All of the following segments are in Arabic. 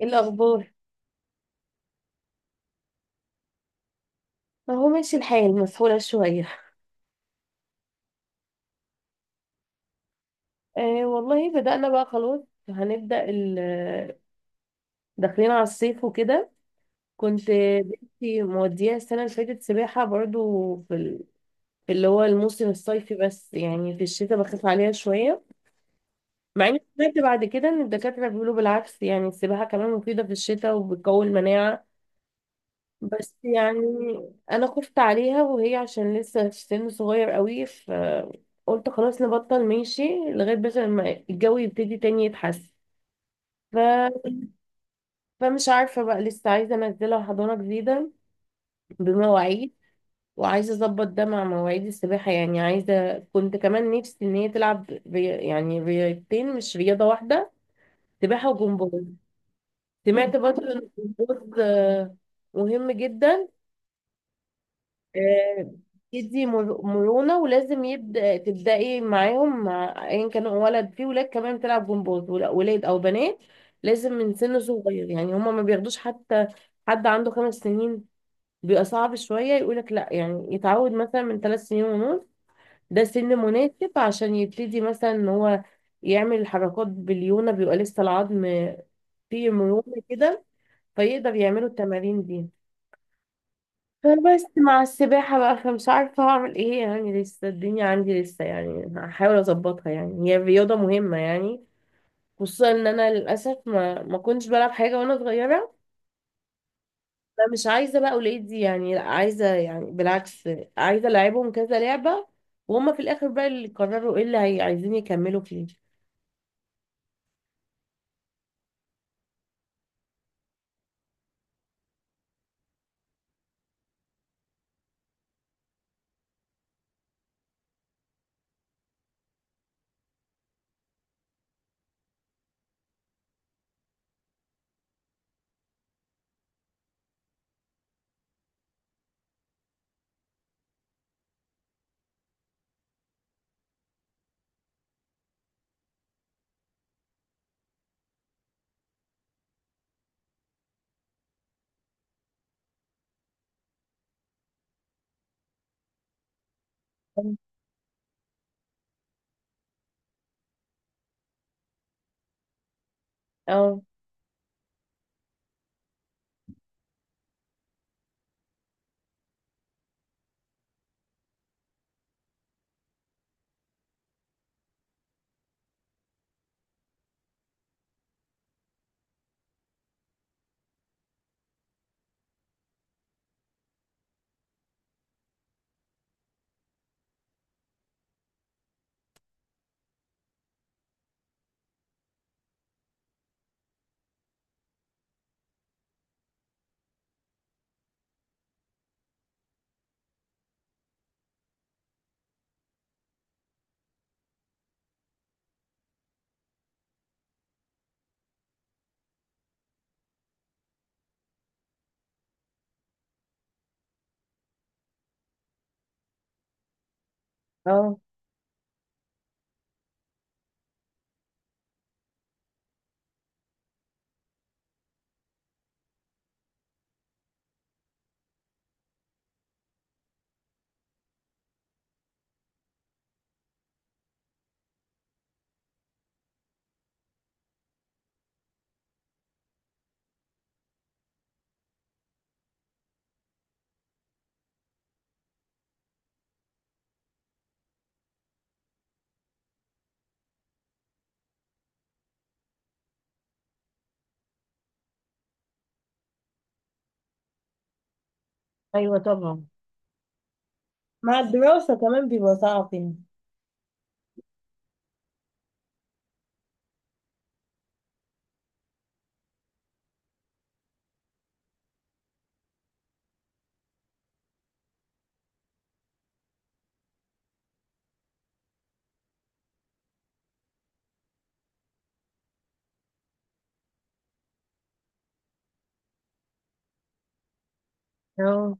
إيه الأخبار؟ أهو ماشي الحال، مسحولة شوية. آه والله، بدأنا بقى خلاص. هنبدأ ال- داخلين على الصيف وكده. كنت بنتي موديها السنة اللي فاتت سباحة برضو في اللي هو الموسم الصيفي. بس يعني في الشتاء بخاف عليها شوية، مع إني سمعت بعد كده إن الدكاترة بيقولوا بالعكس، يعني السباحة كمان مفيدة في الشتاء وبتقوي المناعة. بس يعني انا خفت عليها وهي عشان لسه في سن صغير قوي، فقلت خلاص نبطل ماشي لغاية بس ما الجو يبتدي تاني يتحسن. ف... فمش عارفة بقى، لسه عايزة انزلها حضانة جديدة بمواعيد، وعايزة اظبط ده مع مواعيد السباحة، يعني عايزة، كنت كمان نفسي ان هي تلعب يعني رياضتين مش رياضة واحدة، سباحة وجمباز. سمعت برضه ان الجمباز مهم جدا. آه، تدي مرونة، ولازم يبدأ تبدأي معاهم مع أيا كان ولد، في ولاد كمان بتلعب جمباز، ولاد أو بنات، لازم من سن صغير. يعني هما ما بياخدوش حتى حد عنده 5 سنين، بيبقى صعب شوية، يقولك لأ، يعني يتعود مثلا من 3 سنين ونص. ده سن مناسب عشان يبتدي مثلا إن هو يعمل الحركات باليونة، بيبقى لسه العظم فيه مرونة كده، فيقدر يعملوا التمارين دي. فبس مع السباحة بقى، فمش عارفة هعمل ايه، يعني لسه الدنيا عندي لسه، يعني هحاول اظبطها، يعني هي رياضة مهمة يعني، خصوصا ان انا للأسف ما كنتش بلعب حاجة وانا صغيرة. فمش عايزة بقى ولادي يعني لا، عايزة يعني بالعكس، عايزة العبهم كذا لعبة، وهم في الاخر بقى اللي يقرروا ايه اللي عايزين يكملوا فيه. اه. اه. ايوه طبعا، مع الدراسة كمان بيبقى صعب يعني. اه،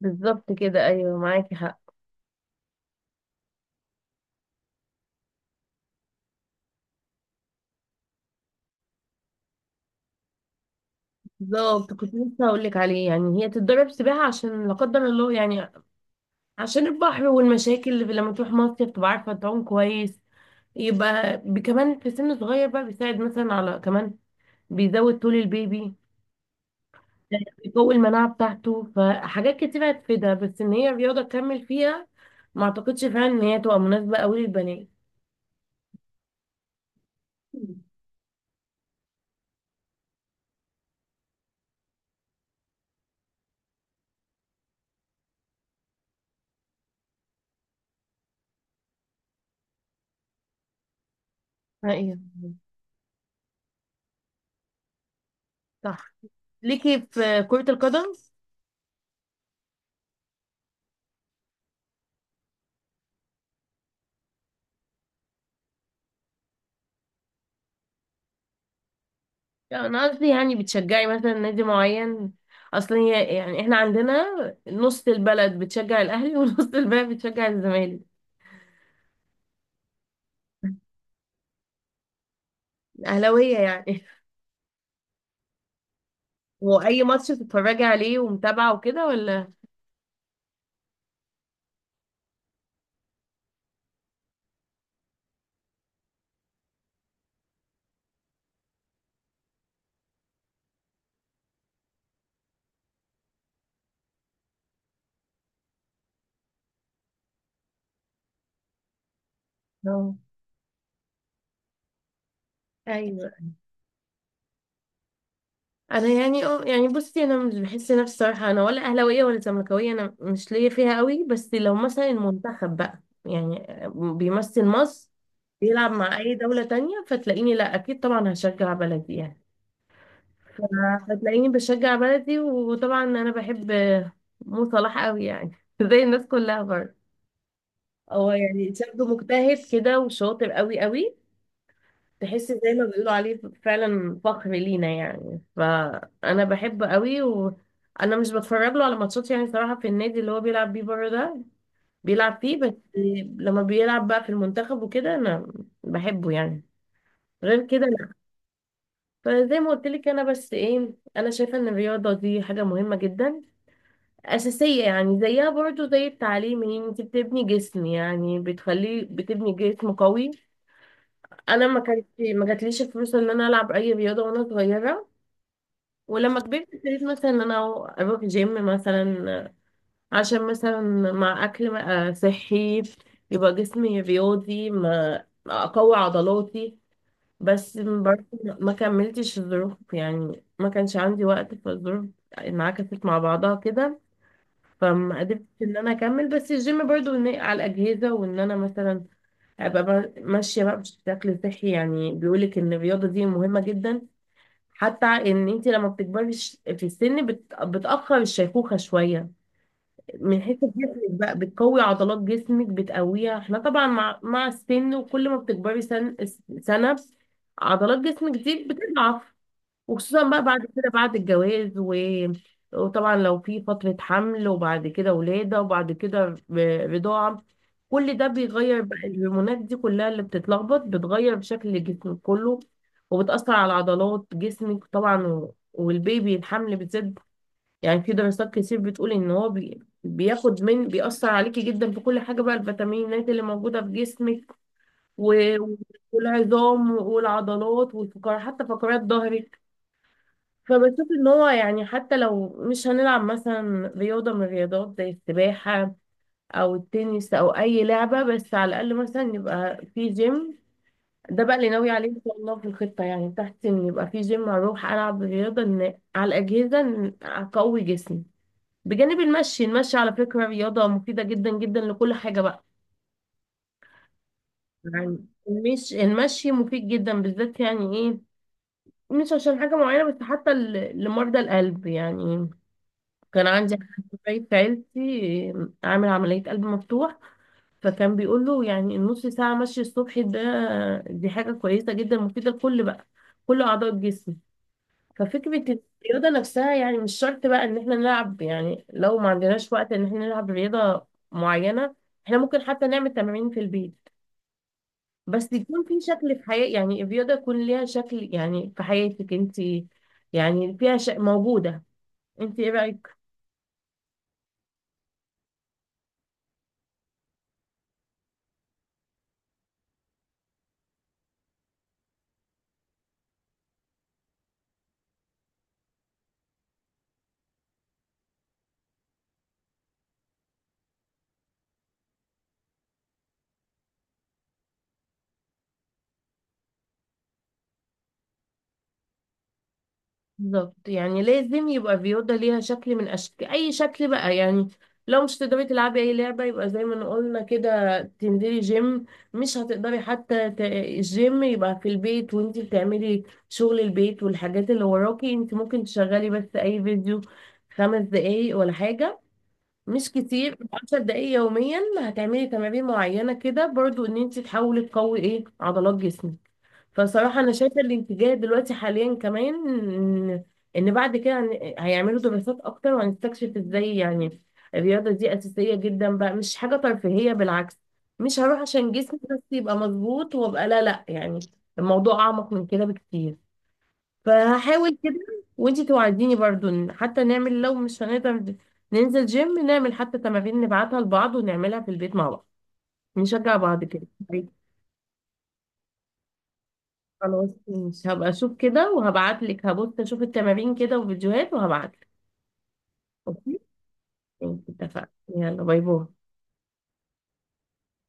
بالظبط كده، ايوه معاكي حق. بالظبط، كنت لسه هقول لك عليه، يعني هي تتدرب سباحة عشان لا قدر الله يعني، عشان البحر والمشاكل، اللي لما تروح مصيف تبقى عارفة تعوم كويس. يبقى كمان في سن صغير بقى، بيساعد مثلا على كمان بيزود طول البيبي، بيقوي المناعة بتاعته، فحاجات كتير هتفيدها، بس ان هي رياضة تكمل فيها، ما اعتقدش فعلا ان هي تبقى مناسبة قوي للبنات. مم. ايوه، صح. ليكي في كرة القدم؟ لا، انا قصدي يعني بتشجعي مثلا نادي معين. اصلا هي يعني احنا عندنا، نص البلد بتشجع الاهلي ونص البلد بتشجع الزمالك. اهلاويه يعني؟ واي ماتش بتتفرجي عليه ومتابعه وكده ولا؟ اه، ايوه. انا يعني اه يعني، بصي انا مش بحس نفسي صراحه، انا ولا اهلاويه ولا زملكاويه، انا مش ليا فيها قوي. بس لو مثلا المنتخب بقى يعني بيمثل مصر، بيلعب مع اي دوله تانية، فتلاقيني لا، اكيد طبعا هشجع بلدي يعني. فتلاقيني بشجع بلدي، وطبعا انا بحب مو صلاح قوي يعني زي الناس كلها برضه. هو يعني شاب مجتهد كده، وشاطر قوي قوي. تحس زي ما بيقولوا عليه، فعلا فخر لينا يعني. فانا بحبه قوي، وانا مش بتفرج له على ماتشات يعني صراحة، في النادي اللي هو بيلعب بيه بره ده بيلعب فيه بس. لما بيلعب بقى في المنتخب وكده، انا بحبه يعني. غير كده لا. فزي ما قلت لك، انا بس ايه، انا شايفة ان الرياضة دي حاجة مهمة جدا، أساسية يعني، زيها برضو زي التعليم، يعني انت بتبني جسم، يعني بتخليه، بتبني جسم قوي. أنا ما جاتليش الفلوس إن أنا ألعب أي رياضة وأنا صغيرة. ولما كبرت، ابتديت مثلا إن أنا أروح جيم مثلا، عشان مثلا مع أكل صحي يبقى جسمي رياضي، ما أقوي عضلاتي. بس برضه ما كملتش، الظروف يعني، ما كانش عندي وقت، فالظروف انعكست مع بعضها كده، فما قدرتش ان انا اكمل. بس الجيم برضو على الاجهزه، وان انا مثلا ابقى ماشيه بقى بشكل صحي. يعني بيقولك ان الرياضه دي مهمه جدا، حتى ان انت لما بتكبري في السن، بتاخر الشيخوخه شويه، من حيث جسمك بقى، بتقوي عضلات جسمك بتقويها. احنا طبعا مع السن، وكل ما بتكبري سن سنه، عضلات جسمك دي بتضعف. وخصوصا بقى بعد كده، بعد الجواز وطبعا لو في فترة حمل، وبعد كده ولادة، وبعد كده رضاعة. كل ده بيغير بقى الهرمونات دي كلها، اللي بتتلخبط بتغير شكل جسمك كله، وبتأثر على عضلات جسمك طبعا، والبيبي الحمل بتزيد. يعني في دراسات كتير بتقول ان هو بياخد من، بيأثر عليكي جدا في كل حاجة بقى، الفيتامينات اللي موجودة في جسمك، و... والعظام والعضلات والفقرات، حتى فقرات ظهرك. فبشوف ان هو يعني، حتى لو مش هنلعب مثلا رياضة من الرياضات زي السباحة او التنس او اي لعبة، بس على الاقل مثلا يبقى في جيم. ده بقى اللي ناوي عليه ان شاء الله، في الخطة يعني بتاعتي، ان يبقى في جيم اروح العب رياضة، ان على الاجهزة، ان اقوي جسمي. بجانب المشي. المشي على فكرة رياضة مفيدة جدا جدا لكل حاجة بقى. يعني مش المشي مفيد جدا بالذات يعني ايه، مش عشان حاجة معينة بس، حتى لمرضى القلب يعني. كان عندي حد قريب في عيلتي عامل عملية قلب مفتوح، فكان بيقول له يعني النص ساعة مشي الصبح ده، دي حاجة كويسة جدا، مفيدة لكل بقى كل أعضاء الجسم. ففكرة الرياضة نفسها، يعني مش شرط بقى إن احنا نلعب، يعني لو ما عندناش وقت إن احنا نلعب رياضة معينة، احنا ممكن حتى نعمل تمارين في البيت. بس يكون في شكل، في حياة يعني الرياضة يكون ليها شكل يعني في حياتك انت، يعني فيها موجودة. انت ايه رأيك؟ بالظبط، يعني لازم يبقى فيوضة ليها شكل من أشكال، أي شكل بقى يعني. لو مش تقدري تلعبي أي لعبة، يبقى زي ما قلنا كده تنزلي جيم. مش هتقدري حتى الجيم يبقى في البيت، وانتي بتعملي شغل البيت والحاجات اللي وراكي، انتي ممكن تشغلي بس أي فيديو، 5 دقايق ولا حاجة، مش كتير، 10 دقايق يوميا هتعملي تمارين معينة كده، برضو ان انتي تحاولي تقوي ايه عضلات جسمك. فصراحة أنا شايفة الاتجاه دلوقتي حاليا كمان إن بعد كده هيعملوا دراسات أكتر، وهنستكشف إزاي يعني الرياضة دي أساسية جدا بقى، مش حاجة ترفيهية بالعكس. مش هروح عشان جسمي بس يبقى مظبوط وأبقى، لا لا يعني، الموضوع أعمق من كده بكتير. فهحاول كده، وإنتي توعديني برضو إن حتى نعمل، لو مش هنقدر ننزل جيم، نعمل حتى تمارين نبعتها لبعض ونعملها في البيت مع بعض، نشجع بعض كده. خلاص ماشي، هبقى اشوف كده وهبعت لك، هبص اشوف التمارين كده وفيديوهات وهبعت لك. اوكي، ماشي، اتفقنا. يلا، باي باي.